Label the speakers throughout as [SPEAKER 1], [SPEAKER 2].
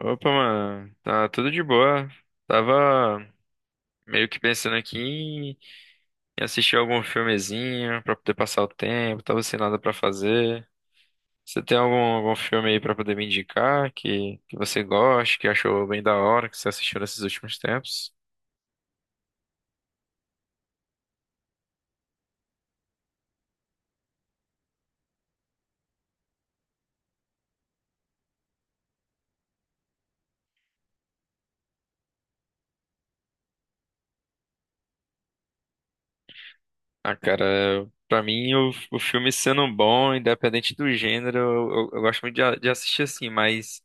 [SPEAKER 1] Opa, mano, tá tudo de boa. Tava meio que pensando aqui em assistir algum filmezinho pra poder passar o tempo, tava sem nada pra fazer. Você tem algum filme aí pra poder me indicar que você goste, que achou bem da hora, que você assistiu nesses últimos tempos? Ah, cara, pra mim o filme sendo bom, independente do gênero, eu gosto muito de, de assistir assim, mas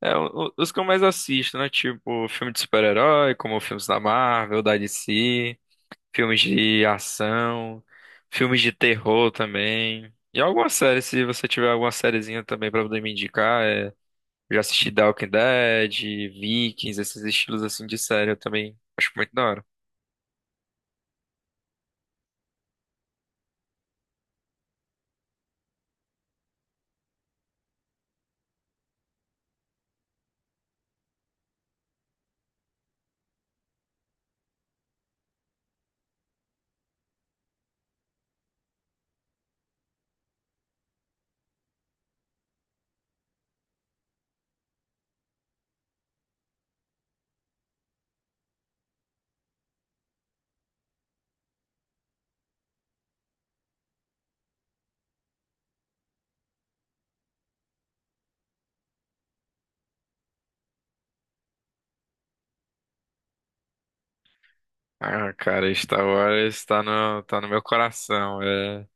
[SPEAKER 1] é, os que eu mais assisto, né? Tipo, filme de super-herói, como filmes da Marvel, da DC. Filmes de ação, filmes de terror também. E alguma série, se você tiver alguma sériezinha também pra poder me indicar, eu já assisti The Walking Dead, Vikings, esses estilos assim de série eu também acho muito da hora. Ah, cara, Star Wars tá no meu coração. É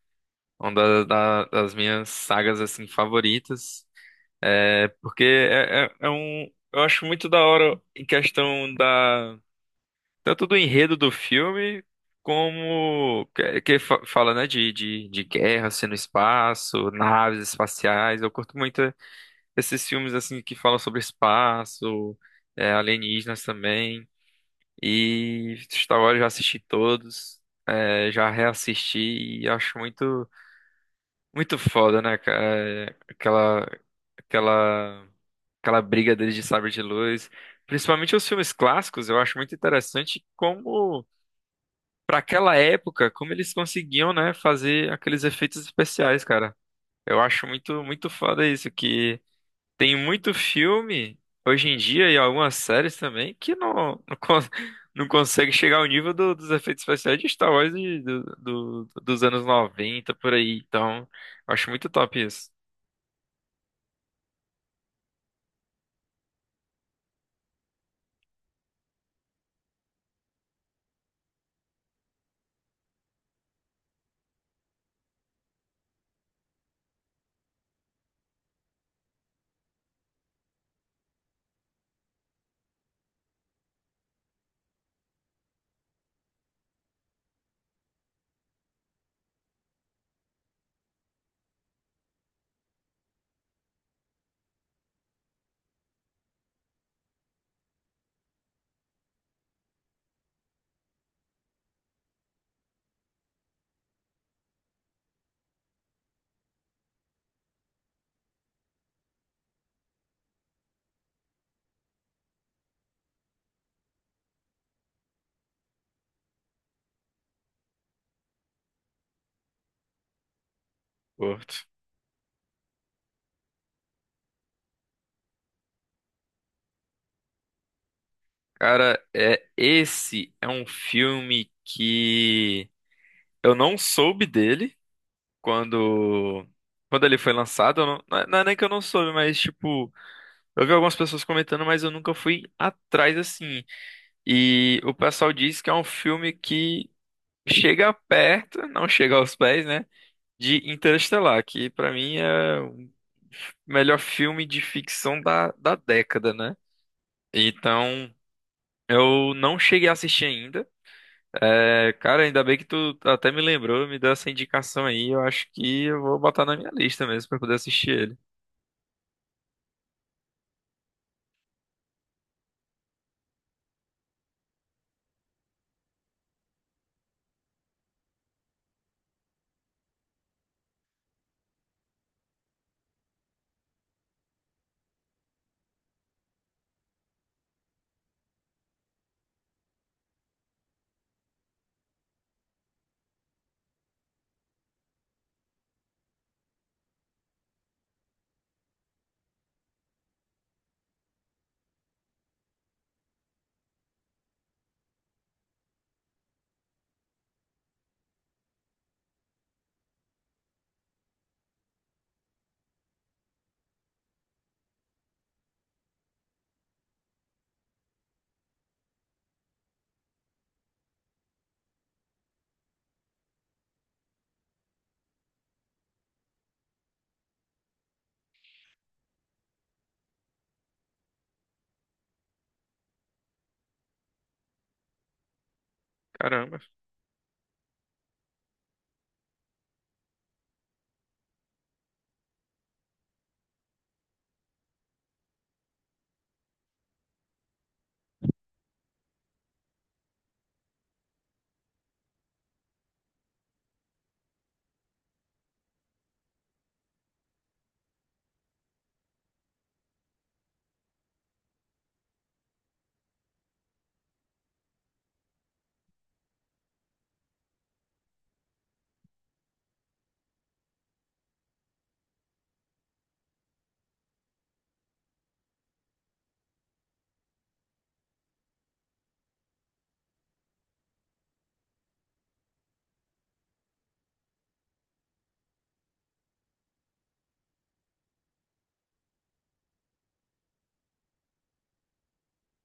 [SPEAKER 1] uma das minhas sagas assim favoritas. É porque é um. Eu acho muito da hora em questão da tanto do enredo do filme, como que fala, né, de guerra, assim, no espaço, naves espaciais. Eu curto muito esses filmes, assim, que falam sobre espaço, alienígenas também. E Star Wars eu já assisti todos, é, já reassisti e acho muito foda, né, cara? É, aquela, aquela briga deles de sabre de luz. Principalmente os filmes clássicos, eu acho muito interessante como pra aquela época, como eles conseguiam, né, fazer aqueles efeitos especiais, cara. Eu acho muito foda isso, que tem muito filme hoje em dia e algumas séries também que não consegue chegar ao nível dos efeitos especiais de Star Wars dos anos 90 por aí. Então, eu acho muito top isso. Curto. Cara, é, esse é um filme que eu não soube dele. quando Quando ele foi lançado, eu não, não é nem que eu não soube, mas tipo, eu vi algumas pessoas comentando, mas eu nunca fui atrás assim. E o pessoal diz que é um filme que chega perto, não chega aos pés, né, de Interestelar, que pra mim é o melhor filme de ficção da década, né? Então, eu não cheguei a assistir ainda. É, cara, ainda bem que tu até me lembrou, me deu essa indicação aí. Eu acho que eu vou botar na minha lista mesmo pra poder assistir ele. Caramba.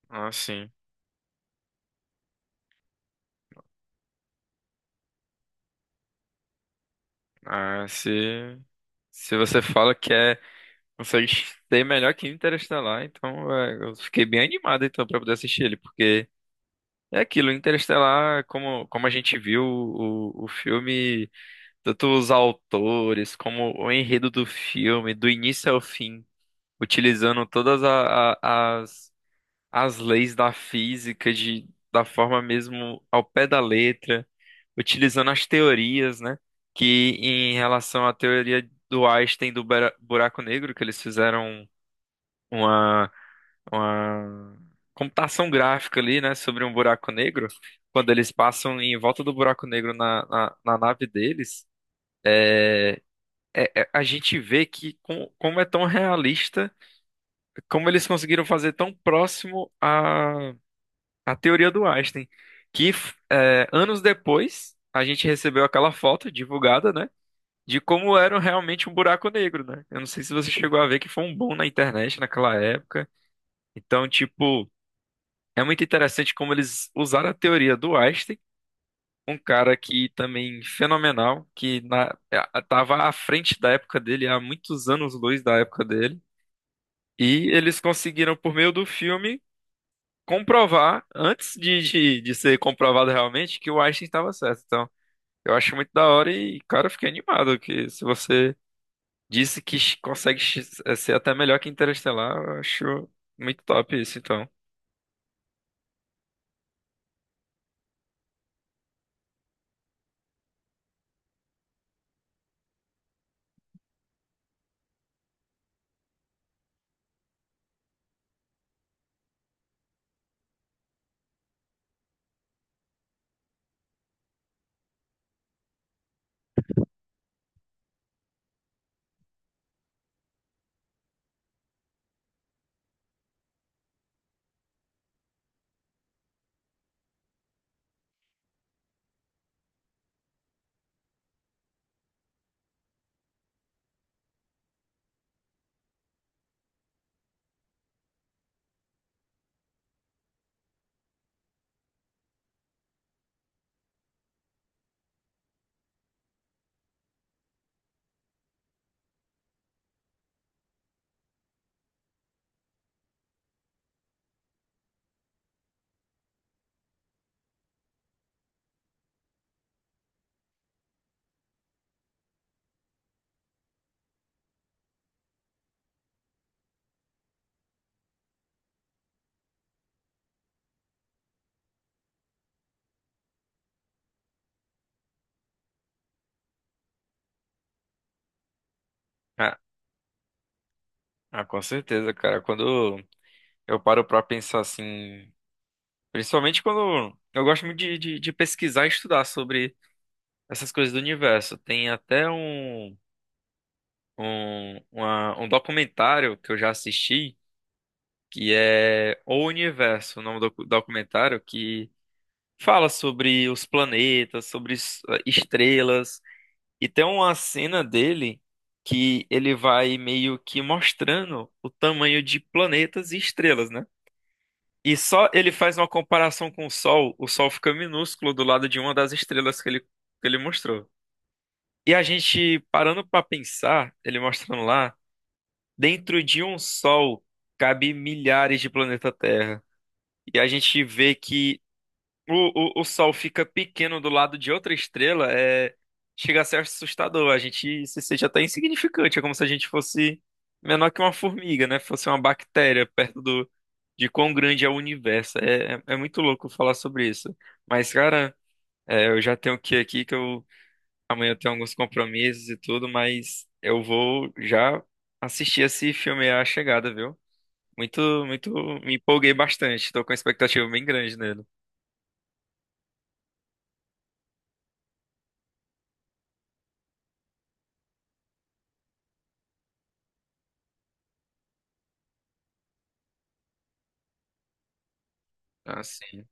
[SPEAKER 1] Ah, sim. Ah, se, Se você fala que é, consegue ser melhor que Interestelar, então é, eu fiquei bem animado então para poder assistir ele, porque é aquilo, Interestelar, como a gente viu o filme, tanto os autores, como o enredo do filme, do início ao fim, utilizando todas as, as leis da física da forma mesmo ao pé da letra. Utilizando as teorias, né? Que em relação à teoria do Einstein do buraco negro, que eles fizeram uma, uma computação gráfica ali, né? Sobre um buraco negro, quando eles passam em volta do buraco negro na nave deles. A gente vê que como é tão realista, como eles conseguiram fazer tão próximo à, à teoria do Einstein, que anos depois a gente recebeu aquela foto divulgada, né? De como era realmente um buraco negro, né? Eu não sei se você chegou a ver que foi um boom na internet naquela época. Então, tipo, é muito interessante como eles usaram a teoria do Einstein, um cara que também fenomenal, que tava à frente da época dele, há muitos anos-luz da época dele, e eles conseguiram, por meio do filme, comprovar, antes de ser comprovado realmente, que o Einstein estava certo. Então, eu acho muito da hora e, cara, eu fiquei animado que se você disse que ser até melhor que Interestelar. Eu acho muito top isso, então. Ah, ah, com certeza, cara. Quando eu paro pra pensar assim, principalmente quando eu gosto muito de pesquisar e estudar sobre essas coisas do universo. Tem até um documentário que eu já assisti que é O Universo, o nome do documentário, que fala sobre os planetas, sobre estrelas. E tem uma cena dele que ele vai meio que mostrando o tamanho de planetas e estrelas, né? E só ele faz uma comparação com o Sol fica minúsculo do lado de uma das estrelas que ele mostrou. E a gente parando pra pensar, ele mostrando lá, dentro de um Sol cabe milhares de planeta Terra. E a gente vê que o Sol fica pequeno do lado de outra estrela, é, chega a ser assustador. A gente se sente até insignificante, é como se a gente fosse menor que uma formiga, né? Fosse uma bactéria perto do, de quão grande é o universo. É muito louco falar sobre isso. Mas, cara, é, eu já tenho que ir aqui, que eu amanhã eu tenho alguns compromissos e tudo, mas eu vou já assistir esse filme A Chegada, viu? Muito, Muito, me empolguei bastante, tô com uma expectativa bem grande nele. Assim.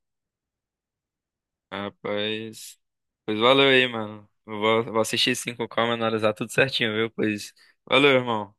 [SPEAKER 1] Rapaz. Pois valeu aí, mano. Vou assistir sim com calma, e analisar tudo certinho, viu? Pois valeu, irmão.